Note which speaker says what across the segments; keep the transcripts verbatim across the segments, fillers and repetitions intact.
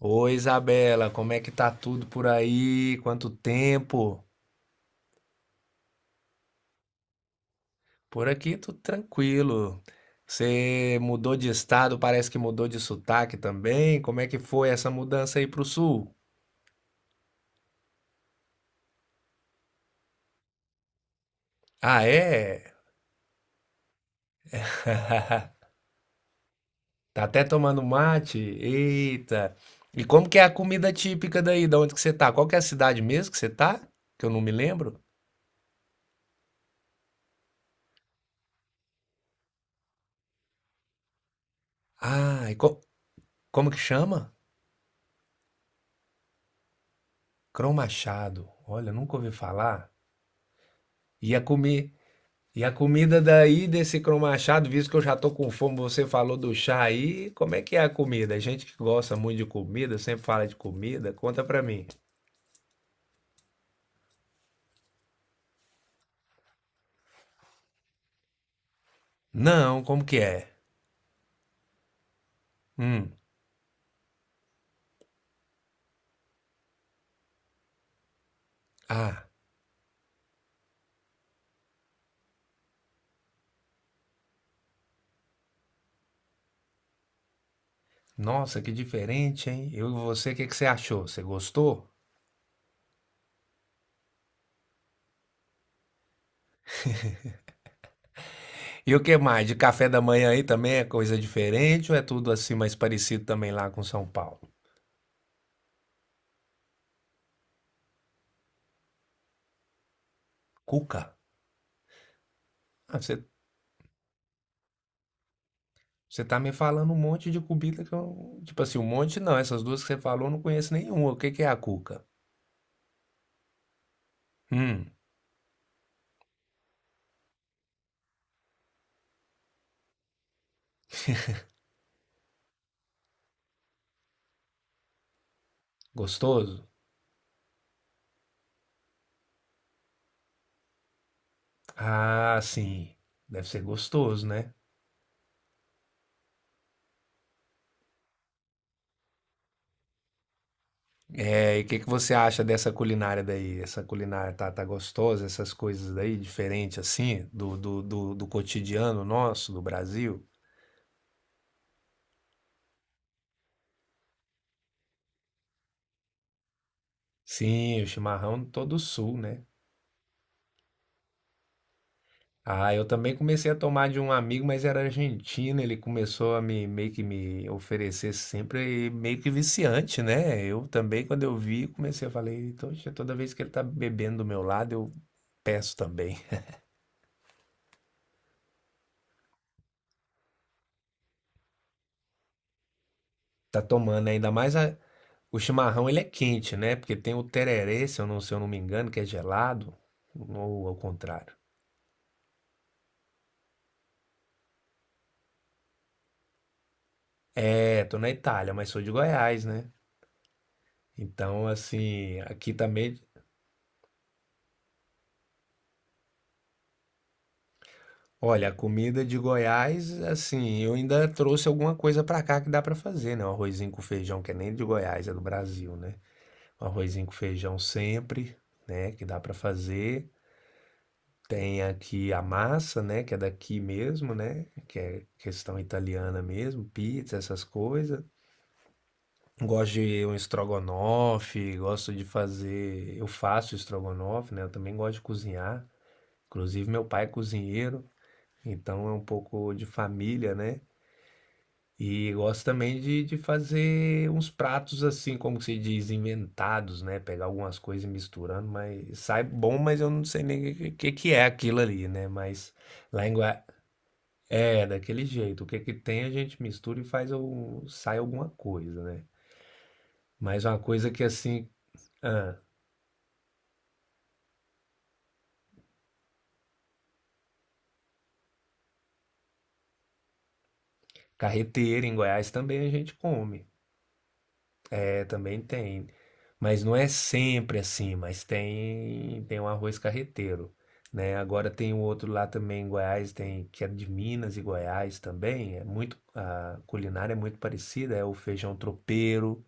Speaker 1: Oi, Isabela, como é que tá tudo por aí? Quanto tempo? Por aqui tudo tranquilo. Você mudou de estado, parece que mudou de sotaque também. Como é que foi essa mudança aí pro sul? Ah, é? Tá até tomando mate? Eita! E como que é a comida típica daí, da onde que você tá? Qual que é a cidade mesmo que você tá? Que eu não me lembro. Ah, e co- como que chama? Crão Machado. Olha, nunca ouvi falar. Ia comer. E a comida daí desse cromachado, visto que eu já tô com fome, você falou do chá aí, como é que é a comida? A gente que gosta muito de comida, sempre fala de comida, conta pra mim. Não, como que é? Hum. Ah, nossa, que diferente, hein? Eu e você, o que que você achou? Você gostou? E o que mais? De café da manhã aí também é coisa diferente ou é tudo assim mais parecido também lá com São Paulo? Cuca? Ah, você, você tá me falando um monte de comida que eu. Tipo assim, um monte não. Essas duas que você falou eu não conheço nenhuma. O que que é a cuca? Hum, gostoso? Ah, sim. Deve ser gostoso, né? É, e o que que você acha dessa culinária daí? Essa culinária tá, tá gostosa, essas coisas daí, diferente assim, do, do, do, do cotidiano nosso, do Brasil? Sim, o chimarrão todo sul, né? Ah, eu também comecei a tomar de um amigo, mas era argentino, ele começou a me meio que me oferecer sempre e meio que viciante, né? Eu também, quando eu vi, comecei a falar, "Eita, oxe, toda vez que ele tá bebendo do meu lado, eu peço também." Tá tomando né? Ainda mais a- o chimarrão, ele é quente, né? Porque tem o tererê, se eu não, se eu não me engano, que é gelado, ou ao contrário. É, tô na Itália, mas sou de Goiás, né? Então, assim, aqui também, olha, a comida de Goiás, assim, eu ainda trouxe alguma coisa pra cá que dá pra fazer, né? Um arrozinho com feijão, que é nem de Goiás, é do Brasil, né? Um arrozinho com feijão sempre, né, que dá pra fazer. Tem aqui a massa, né, que é daqui mesmo, né, que é questão italiana mesmo, pizza, essas coisas. Gosto de um estrogonofe, gosto de fazer, eu faço estrogonofe, né, eu também gosto de cozinhar. Inclusive meu pai é cozinheiro, então é um pouco de família, né? E gosto também de, de fazer uns pratos assim, como se diz, inventados, né? Pegar algumas coisas e misturando, mas sai bom, mas eu não sei nem o que, que que é aquilo ali, né? Mas... Lá em, Gua- É, daquele jeito. O que que tem a gente mistura e faz o... sai alguma coisa, né? Mas uma coisa que assim, ah, carreteira em Goiás também a gente come. É, também tem. Mas não é sempre assim, mas tem tem um arroz carreteiro, né? Agora tem o outro lá também em Goiás, tem que é de Minas e Goiás também, é muito a culinária é muito parecida, é o feijão tropeiro,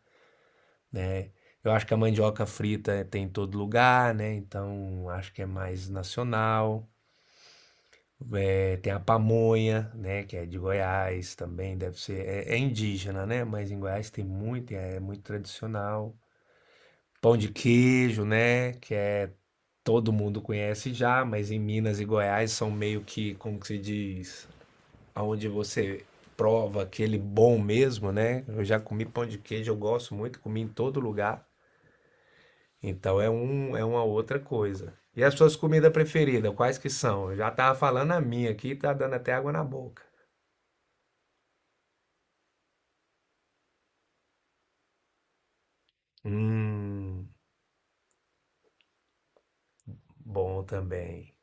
Speaker 1: né? Eu acho que a mandioca frita tem em todo lugar, né? Então acho que é mais nacional. É, tem a pamonha, né? Que é de Goiás também, deve ser. É, é indígena, né? Mas em Goiás tem muito, é é muito tradicional. Pão de queijo, né? Que é todo mundo conhece já, mas em Minas e Goiás são meio que, como que se diz, aonde você prova aquele bom mesmo, né? Eu já comi pão de queijo, eu gosto muito, comi em todo lugar. Então é um, é uma outra coisa. E as suas comidas preferidas, quais que são? Eu já tava falando a minha aqui, tá dando até água na boca. Hum, bom também.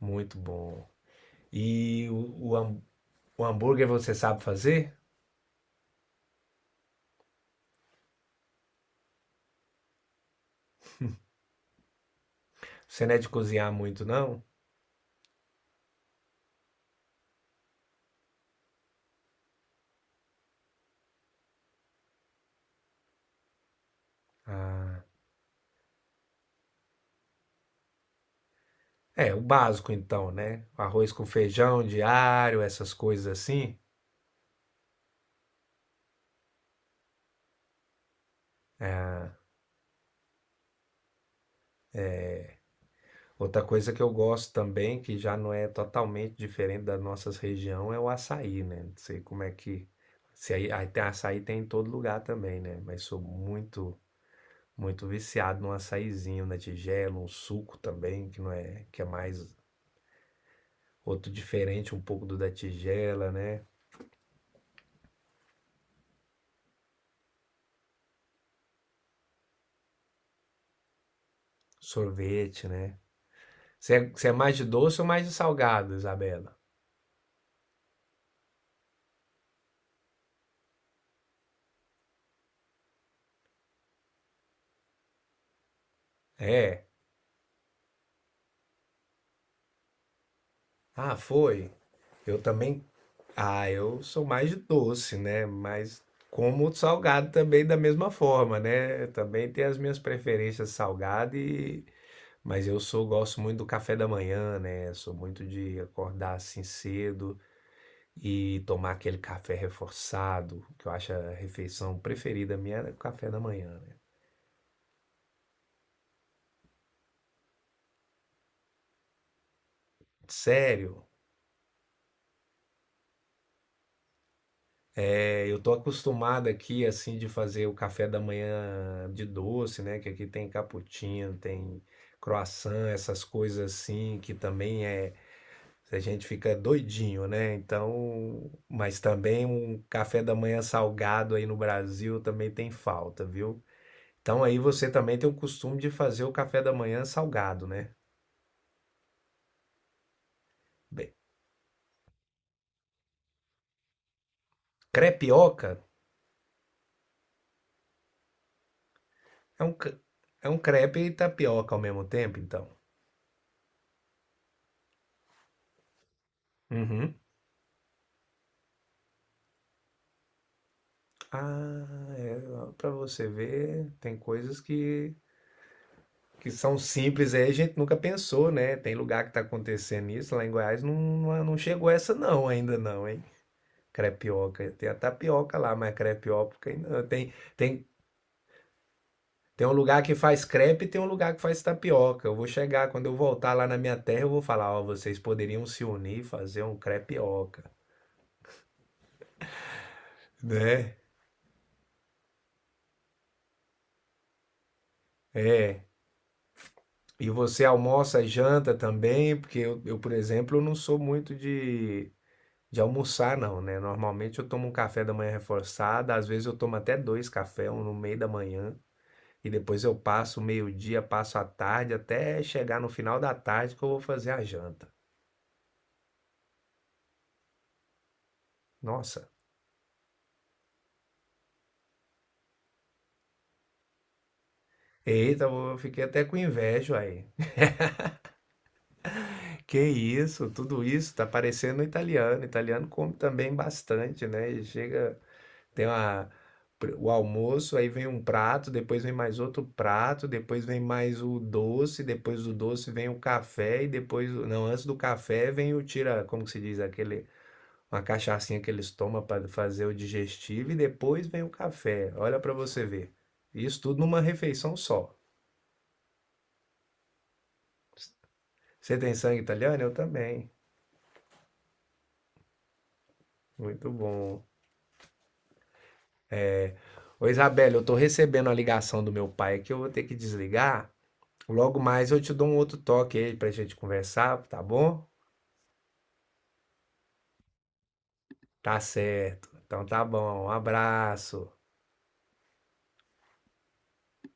Speaker 1: Muito bom. E o, o, ham- o hambúrguer você sabe fazer? Você não é de cozinhar muito, não? Ah, é, o básico então, né? Arroz com feijão diário, essas coisas assim. Ah, outra coisa que eu gosto também, que já não é totalmente diferente da nossa região, é o açaí, né? Não sei como é que. Se aí, Aí tem açaí tem em todo lugar também, né? Mas sou muito, muito viciado num açaizinho na tigela, um suco também, que não é, que é mais outro diferente um pouco do da tigela, né? Sorvete, né? Você é, você é mais de doce ou mais de salgado, Isabela? É. Ah, foi. Eu também. Ah, eu sou mais de doce, né? Mas como salgado também da mesma forma, né? Também tem as minhas preferências salgado e mas eu sou gosto muito do café da manhã, né? Sou muito de acordar assim cedo e tomar aquele café reforçado, que eu acho a refeição preferida minha é o café da manhã, né? Sério, é, eu tô acostumado aqui, assim, de fazer o café da manhã de doce, né? Que aqui tem cappuccino, tem croissant, essas coisas assim, que também é. A gente fica doidinho, né? Então, mas também um café da manhã salgado aí no Brasil também tem falta, viu? Então aí você também tem o costume de fazer o café da manhã salgado, né? Bem, crepioca é um, cre- é um crepe e tapioca ao mesmo tempo, então. Uhum. Ah, é, para você ver, tem coisas que, que são simples aí, a gente nunca pensou, né? Tem lugar que tá acontecendo isso, lá em Goiás não, não não chegou essa não, ainda não, hein? Crepioca, tem a tapioca lá, mas crepioca ainda não. Tem, tem, tem um lugar que faz crepe e tem um lugar que faz tapioca. Eu vou chegar, quando eu voltar lá na minha terra, eu vou falar, ó, vocês poderiam se unir e fazer um crepioca, né? É. E você almoça e janta também? Porque eu, eu, por exemplo, eu não sou muito de, de almoçar, não, né? Normalmente eu tomo um café da manhã reforçado, às vezes eu tomo até dois cafés, um no meio da manhã, e depois eu passo o meio-dia, passo a tarde, até chegar no final da tarde que eu vou fazer a janta. Nossa, eita, eu fiquei até com inveja aí. Que isso, tudo isso tá parecendo italiano. Italiano come também bastante, né? E chega. Tem uma, o almoço, aí vem um prato, depois vem mais outro prato, depois vem mais o doce, depois do doce vem o café e depois, não, antes do café vem o tira, como que se diz, aquele uma cachaçinha que eles tomam para fazer o digestivo e depois vem o café. Olha para você ver. Isso tudo numa refeição só. Você tem sangue italiano? Eu também. Muito bom. Ô Isabela, eu tô recebendo a ligação do meu pai aqui, eu vou ter que desligar. Logo mais eu te dou um outro toque aí pra gente conversar, tá bom? Tá certo. Então tá bom. Um abraço.